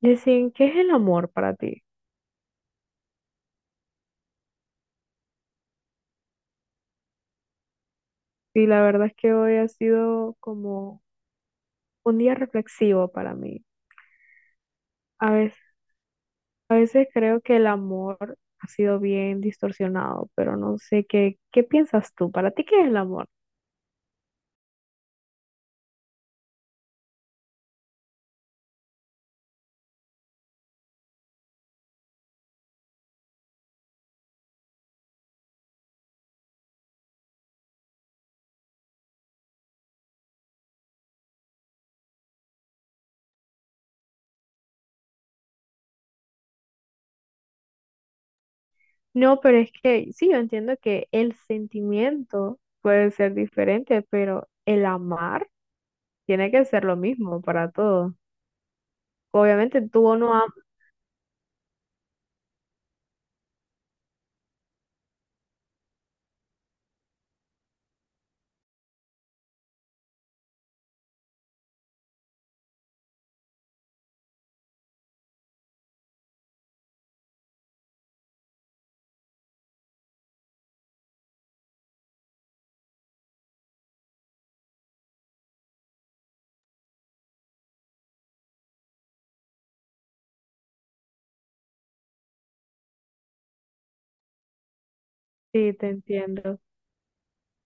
Yesín, ¿qué es el amor para ti? Y la verdad es que hoy ha sido como un día reflexivo para mí. A veces, a veces creo que el amor ha sido bien distorsionado, pero no sé qué piensas tú. ¿Para ti qué es el amor? No, pero es que sí, yo entiendo que el sentimiento puede ser diferente, pero el amar tiene que ser lo mismo para todos. Obviamente tú no amas, sí, te entiendo.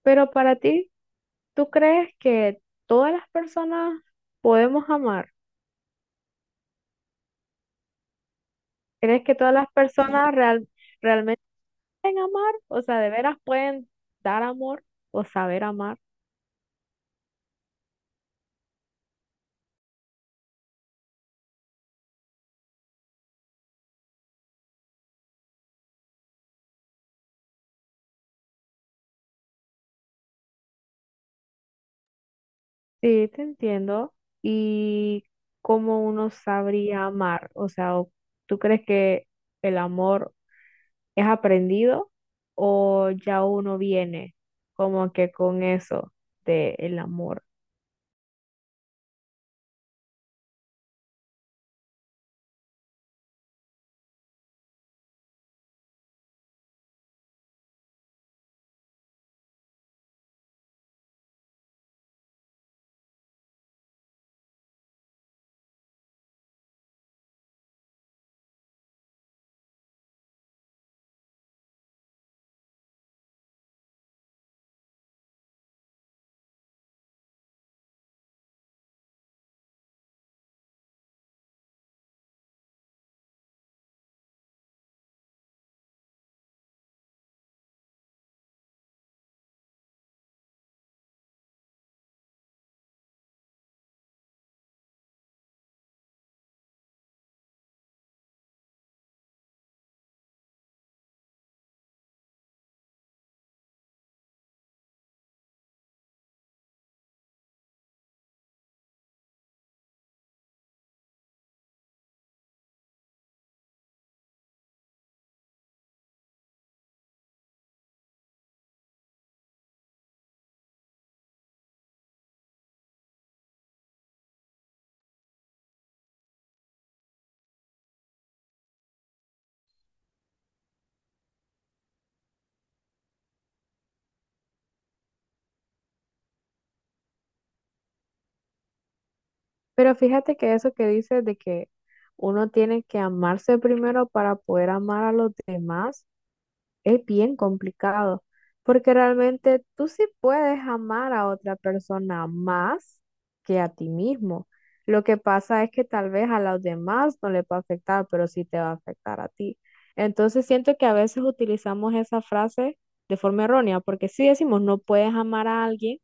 Pero para ti. ¿Tú crees que todas las personas podemos amar? ¿Crees que todas las personas real- ¿Realmente pueden amar? O sea, ¿de veras pueden dar amor o saber amar? Sí, te entiendo. ¿Y cómo uno sabría amar? O sea, ¿o ¿Tú crees que el amor es aprendido o ya uno viene como que con eso del amor? Pero fíjate que eso que dices de que uno tiene que amarse primero para poder amar a los demás es bien complicado, porque realmente tú sí puedes amar a otra persona más que a ti mismo. Lo que pasa es que tal vez a los demás no les va a afectar, pero sí te va a afectar a ti. Entonces siento que a veces utilizamos esa frase de forma errónea, porque sí decimos no puedes amar a alguien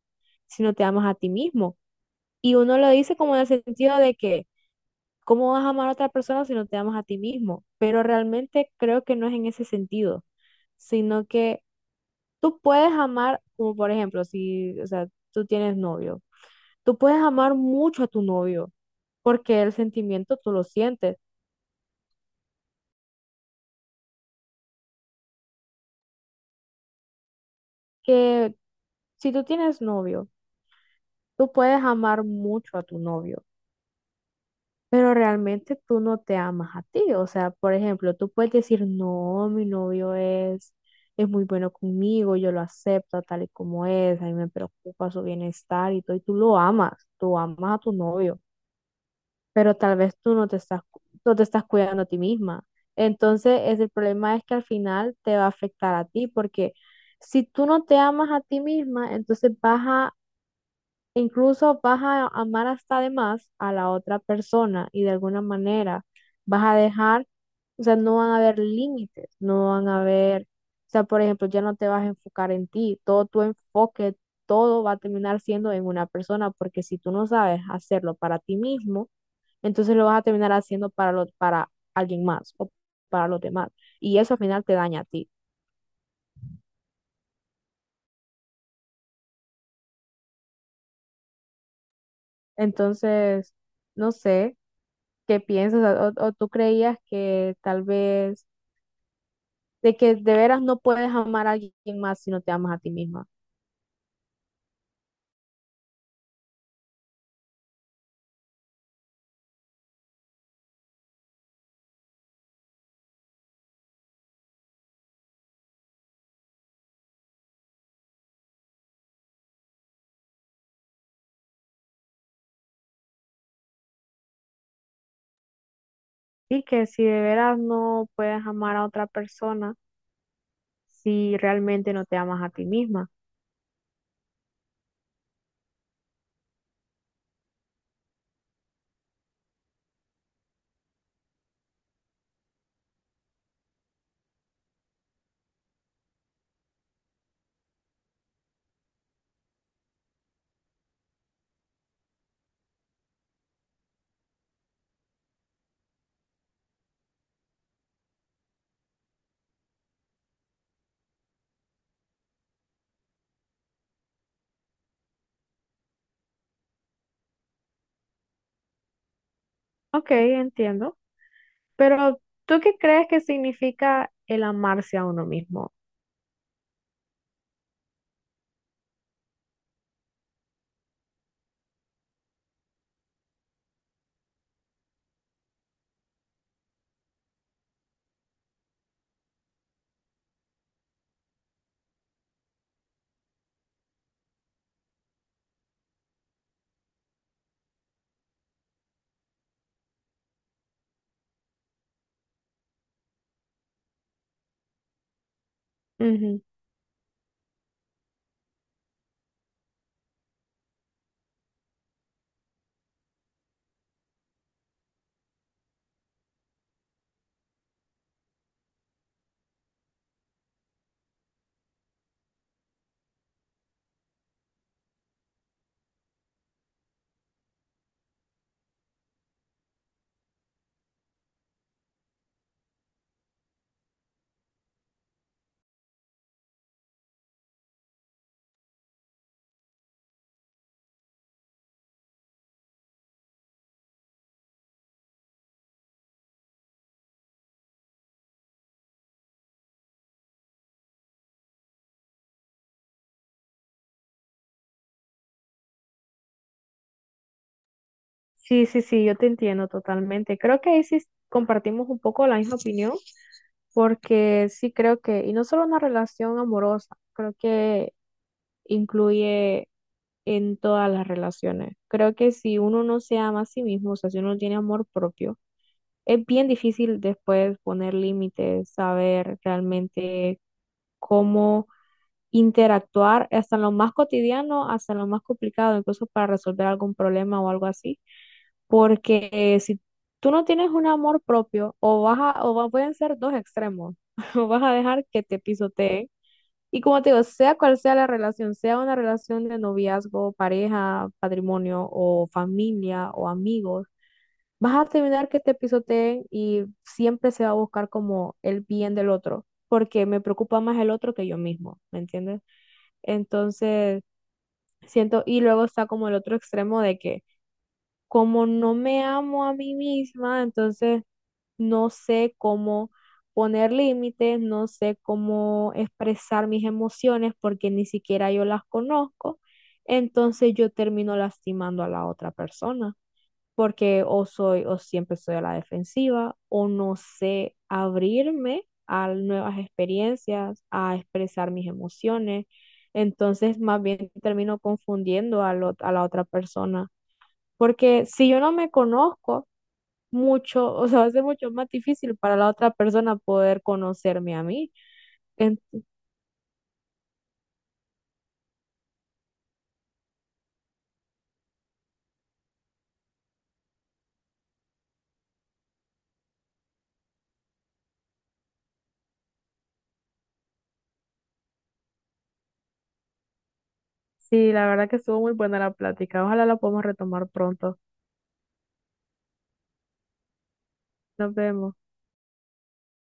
si no te amas a ti mismo. Y uno lo dice como en el sentido de que ¿cómo vas a amar a otra persona si no te amas a ti mismo? Pero realmente creo que no es en ese sentido, sino que tú puedes amar, como por ejemplo, si, o sea, tú tienes novio, tú puedes amar mucho a tu novio, porque el sentimiento tú lo sientes, que si tú tienes novio, tú puedes amar mucho a tu novio. Pero realmente tú no te amas a ti. O sea, por ejemplo, tú puedes decir, no, mi novio es muy bueno conmigo, yo lo acepto tal y como es, a mí me preocupa su bienestar y todo, y tú lo amas, tú amas a tu novio, pero tal vez tú no te estás, no te estás cuidando a ti misma. Entonces, es, el problema es que al final te va a afectar a ti, porque si tú no te amas a ti misma, entonces vas a e incluso vas a amar hasta de más a la otra persona y de alguna manera vas a dejar, o sea, no van a haber límites, no van a haber, o sea, por ejemplo, ya no te vas a enfocar en ti, todo tu enfoque, todo va a terminar siendo en una persona, porque si tú no sabes hacerlo para ti mismo, entonces lo vas a terminar haciendo para alguien más o para los demás. Y eso al final te daña a ti. Entonces, no sé qué piensas o tú creías que tal vez de que de veras no puedes amar a alguien más si no te amas a ti misma. Y que si de veras no puedes amar a otra persona si realmente no te amas a ti misma. Ok, entiendo. Pero ¿tú qué crees que significa el amarse a uno mismo? Ujú. Sí, sí, sí, yo te entiendo totalmente. Creo que ahí sí compartimos un poco la misma opinión, porque sí creo que, y no solo una relación amorosa, creo que incluye en todas las relaciones. Creo que si uno no se ama a sí mismo, o sea, si uno no tiene amor propio, es bien difícil después poner límites, saber realmente cómo interactuar hasta en lo más cotidiano, hasta en lo más complicado, incluso para resolver algún problema o algo así. Porque si tú no tienes un amor propio, o vas a- o va- pueden ser dos extremos, o vas a dejar que te pisoteen y como te digo, sea cual sea la relación, sea una relación de noviazgo, pareja, patrimonio o familia o amigos, vas a terminar que te pisoteen y siempre se va a buscar como el bien del otro, porque me preocupa más el otro que yo mismo, ¿me entiendes? Entonces, siento, y luego está como el otro extremo de que como no me amo a mí misma, entonces no sé cómo poner límites, no sé cómo expresar mis emociones porque ni siquiera yo las conozco, entonces yo termino lastimando a la otra persona porque o siempre soy a la defensiva o no sé abrirme a nuevas experiencias, a expresar mis emociones. Entonces, más bien termino confundiendo a, a la otra persona, porque si yo no me conozco, mucho, o sea, va a ser mucho más difícil para la otra persona poder conocerme a mí. En- sí, la verdad que estuvo muy buena la plática. Ojalá la podamos retomar pronto. Nos vemos.